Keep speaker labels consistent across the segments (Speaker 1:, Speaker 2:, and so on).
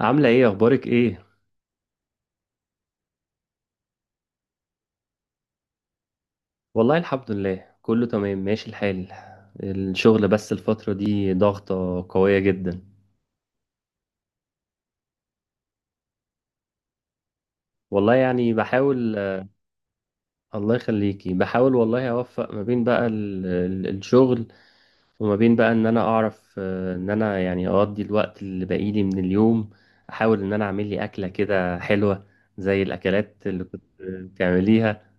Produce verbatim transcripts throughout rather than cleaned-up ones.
Speaker 1: عاملة ايه، اخبارك ايه؟ والله الحمد لله كله تمام ماشي الحال. الشغل بس الفترة دي ضغطة قوية جدا. والله يعني بحاول. الله يخليكي، بحاول والله اوفق ما بين بقى ال- ال- الشغل وما بين بقى ان انا اعرف آه، ان انا يعني اقضي الوقت اللي باقيلي من اليوم. احاول ان انا اعمل لي اكلة كده حلوة، زي الاكلات اللي كنت بتعمليها.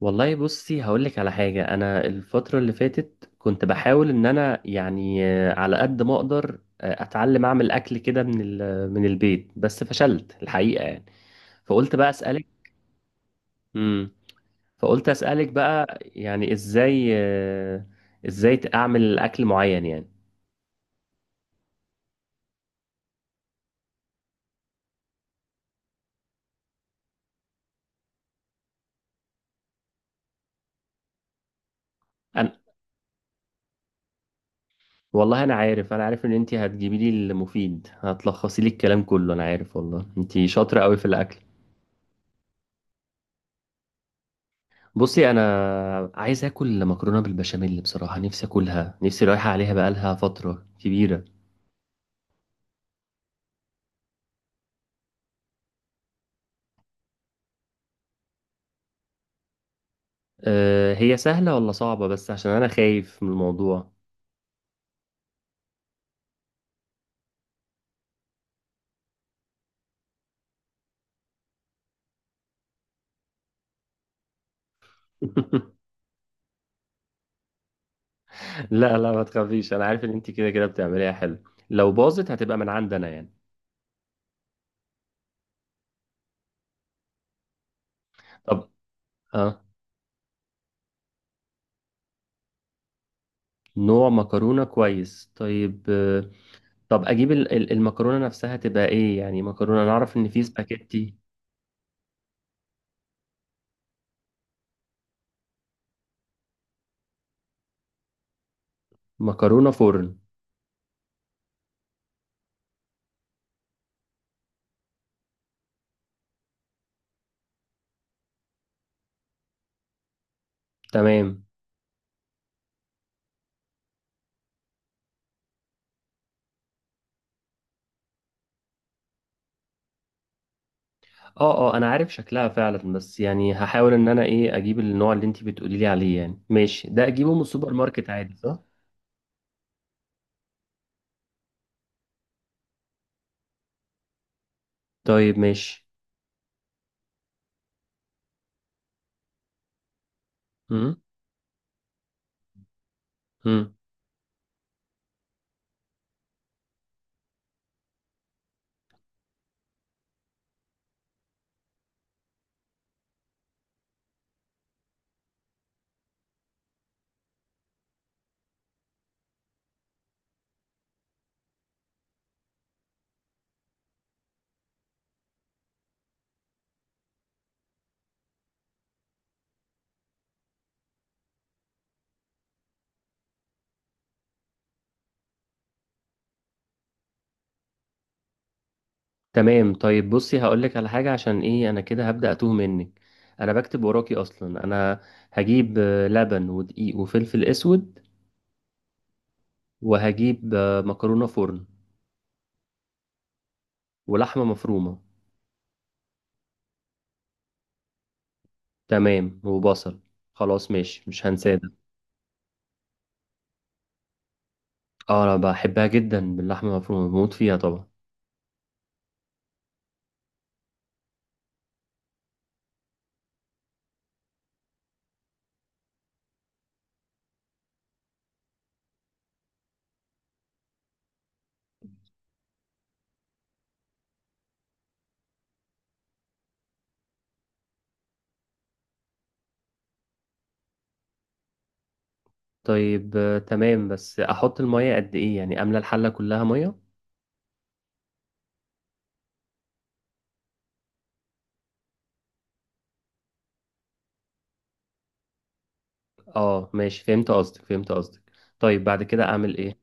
Speaker 1: والله بصي هقولك على حاجة. أنا الفترة اللي فاتت كنت بحاول إن أنا يعني آه، على قد ما أقدر آه، أتعلم أعمل أكل كده من ال- من البيت، بس فشلت الحقيقة يعني. فقلت بقى أسألك. امم. فقلت أسألك بقى، يعني إزاي آه، إزاي أعمل أكل معين يعني؟ أنا، والله أنا عارف، أنا عارف إن أنتي هتجيبي لي المفيد، هتلخصي لي الكلام كله. أنا عارف والله أنتي شاطرة أوي في الأكل. بصي، انا عايز اكل مكرونه بالبشاميل. بصراحه نفسي اكلها، نفسي رايحه عليها بقالها فتره كبيره. أه، هي سهله ولا صعبه؟ بس عشان انا خايف من الموضوع. لا لا، ما تخافيش. انا عارف ان انت كده كده بتعمليها حلو. لو باظت هتبقى من عندنا يعني. طب. اه. نوع مكرونه كويس، طيب آه، طب اجيب ال- ال- المكرونه نفسها تبقى ايه يعني؟ مكرونه، انا اعرف ان في سباكيتي. مكرونه فرن. تمام. اه اه، انا عارف شكلها فعلا، بس يعني هحاول ان انا ايه اجيب النوع اللي انت بتقولي لي عليه. يعني ماشي، ده اجيبه من السوبر ماركت عادي صح؟ طيب ماشي. امم. امم. تمام طيب، بصي هقول لك على حاجه عشان ايه انا كده هبدا اتوه منك. انا بكتب وراكي اصلا. انا هجيب آه، لبن ودقيق وفلفل اسود. وهجيب آه، مكرونه فرن. ولحمه مفرومه. تمام، وبصل. خلاص ماشي، مش هنساه ده. اه، انا بحبها جدا باللحمه المفرومه، بموت فيها طبعا. طيب آه، تمام، بس احط المية قد ايه يعني؟ املى الحلة كلها مية؟ اه ماشي، فهمت قصدك فهمت قصدك. طيب بعد كده اعمل ايه؟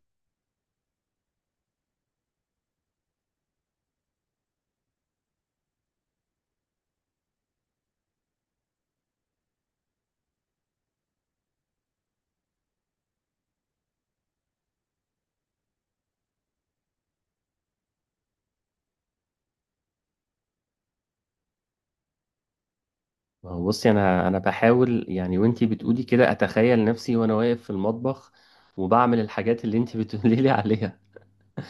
Speaker 1: ما هو بصي، انا انا بحاول يعني، وانتي بتقولي كده اتخيل نفسي وانا واقف في المطبخ وبعمل الحاجات اللي انتي بتقولي لي عليها.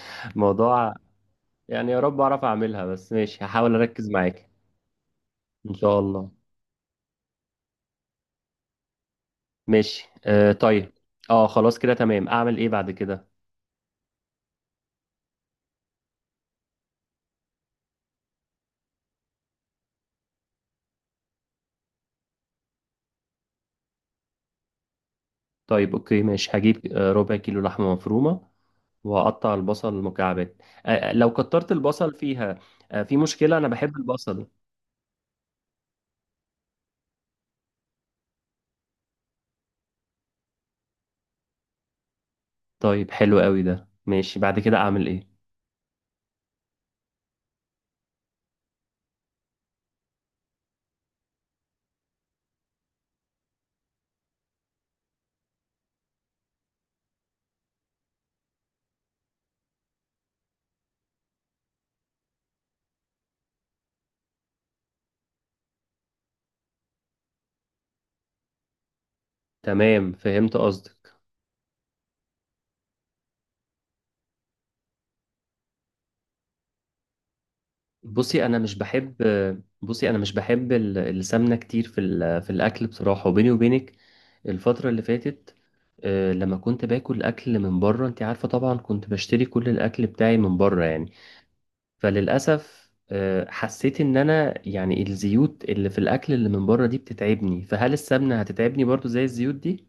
Speaker 1: موضوع يعني، يا رب اعرف اعملها. بس ماشي هحاول اركز معاك. ان شاء الله. ماشي آه طيب. اه خلاص كده تمام. اعمل ايه بعد كده؟ طيب اوكي ماشي، هجيب آه، ربع كيلو لحمة مفرومة. وأقطع البصل مكعبات. آه، لو كترت البصل فيها آه، في مشكلة؟ أنا بحب البصل. طيب حلو قوي ده، ماشي. بعد كده أعمل إيه؟ تمام فهمت قصدك. بصي أنا مش بحب بصي أنا مش بحب ال- السمنة كتير في ال- في الأكل، بصراحة. وبيني وبينك الفترة اللي فاتت آه، لما كنت باكل أكل من بره، أنت عارفة طبعا كنت بشتري كل الأكل بتاعي من بره يعني. فللأسف آه، حسيت إن أنا يعني الزيوت اللي في الأكل اللي من بره دي بتتعبني. فهل السمنة هتتعبني برضو زي الزيوت دي؟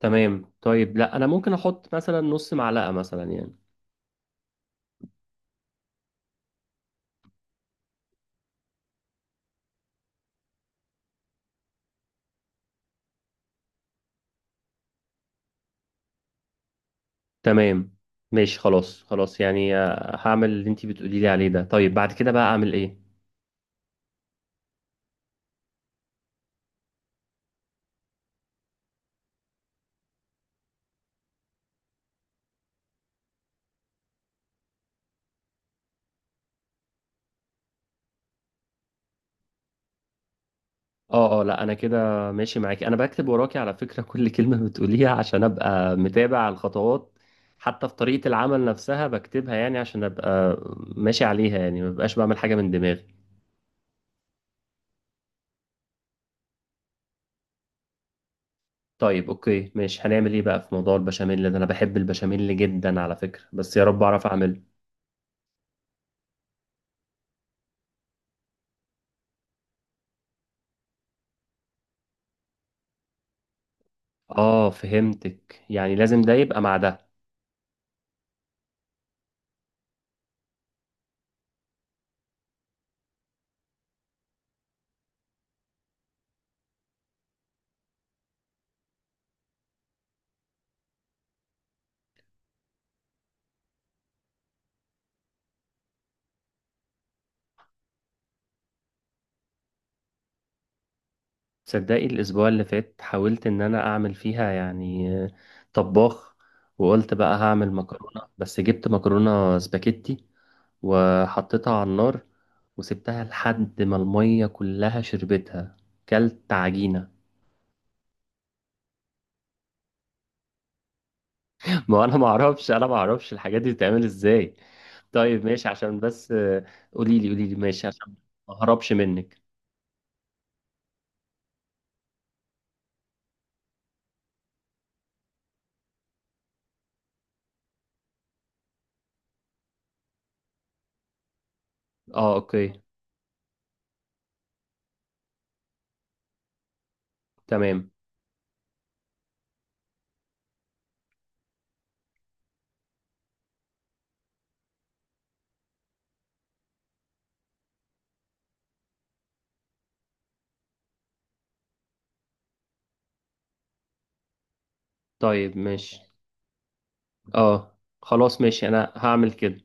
Speaker 1: تمام طيب، لا أنا ممكن أحط مثلا نص معلقة مثلا يعني. تمام ماشي، خلاص خلاص يعني آه، هعمل اللي انتي بتقولي لي عليه ده. طيب بعد كده بقى أعمل إيه؟ اه اه، لا انا كده ماشي معاكي. انا بكتب وراكي على فكرة كل كلمة بتقوليها عشان ابقى متابع الخطوات. حتى في طريقة العمل نفسها بكتبها، يعني عشان ابقى ماشي عليها، يعني ما ببقاش بعمل حاجة من دماغي. طيب اوكي ماشي، هنعمل ايه بقى في موضوع البشاميل ده؟ انا بحب البشاميل جدا على فكرة، بس يا رب اعرف اعمله. اه فهمتك، يعني لازم ده يبقى مع ده. تصدقي الاسبوع اللي فات حاولت ان انا اعمل فيها يعني آه، طباخ. وقلت بقى هعمل مكرونة، بس جبت مكرونة سباكيتي وحطيتها على النار وسبتها لحد ما المية كلها شربتها. كلت عجينة. ما هو انا ما اعرفش انا ما اعرفش الحاجات دي بتتعمل ازاي. طيب ماشي عشان بس، قولي لي قولي لي ماشي عشان ما اهربش منك. اه اوكي تمام. طيب ماشي. اه خلاص ماشي، انا هعمل كده.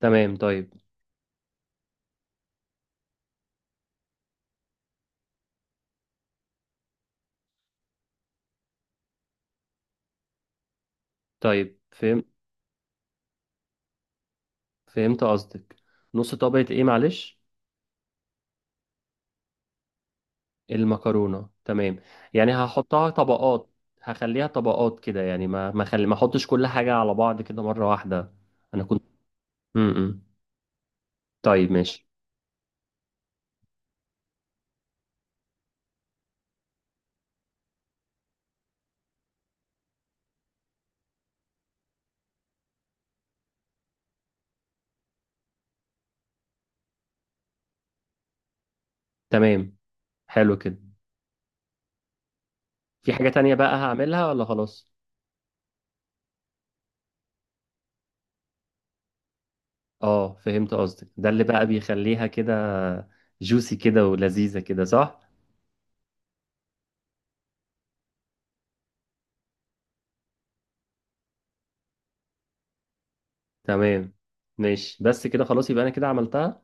Speaker 1: تمام طيب. طيب فهم فهمت قصدك. نص طبقة ايه معلش؟ المكرونة، تمام. يعني هحطها طبقات، هخليها طبقات كده، يعني ما ما خلي ما احطش كل حاجة على بعض كده مرة واحدة. انا كنت م -م. طيب ماشي. تمام، حلو كده. في حاجة تانية بقى هعملها ولا خلاص؟ اه فهمت قصدك، ده اللي بقى بيخليها كده جوسي كده ولذيذة كده صح؟ تمام ماشي، بس كده خلاص يبقى انا كده عملتها.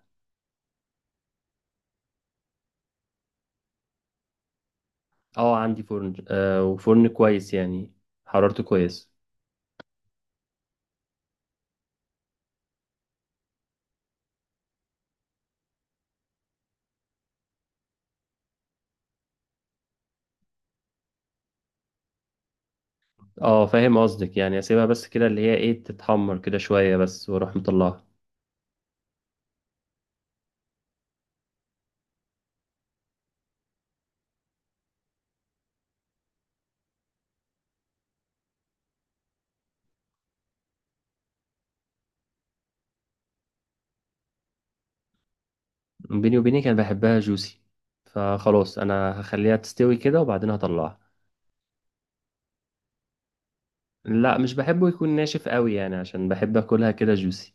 Speaker 1: اه عندي فرن آه وفرن كويس يعني، حرارته كويس. اه فاهم قصدك، يعني اسيبها بس كده اللي هي ايه تتحمر كده شوية بس واروح مطلعها؟ بيني وبينك انا بحبها جوسي، فخلاص انا هخليها تستوي كده وبعدين هطلعها. لا مش بحبه يكون ناشف قوي يعني، عشان بحب اكلها كده جوسي.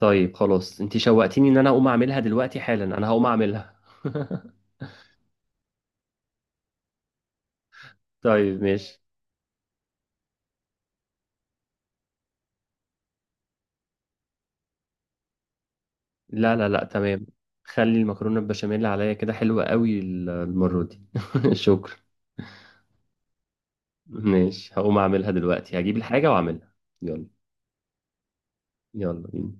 Speaker 1: طيب خلاص، انت شوقتيني ان انا اقوم اعملها دلوقتي حالا. انا هقوم اعملها طيب ماشي. لا لا لا، تمام. خلي المكرونة البشاميل عليا كده حلوة قوي ال- المرة دي. شكرا. ماشي هقوم اعملها دلوقتي، هجيب الحاجة واعملها. يلا. يلا بينا.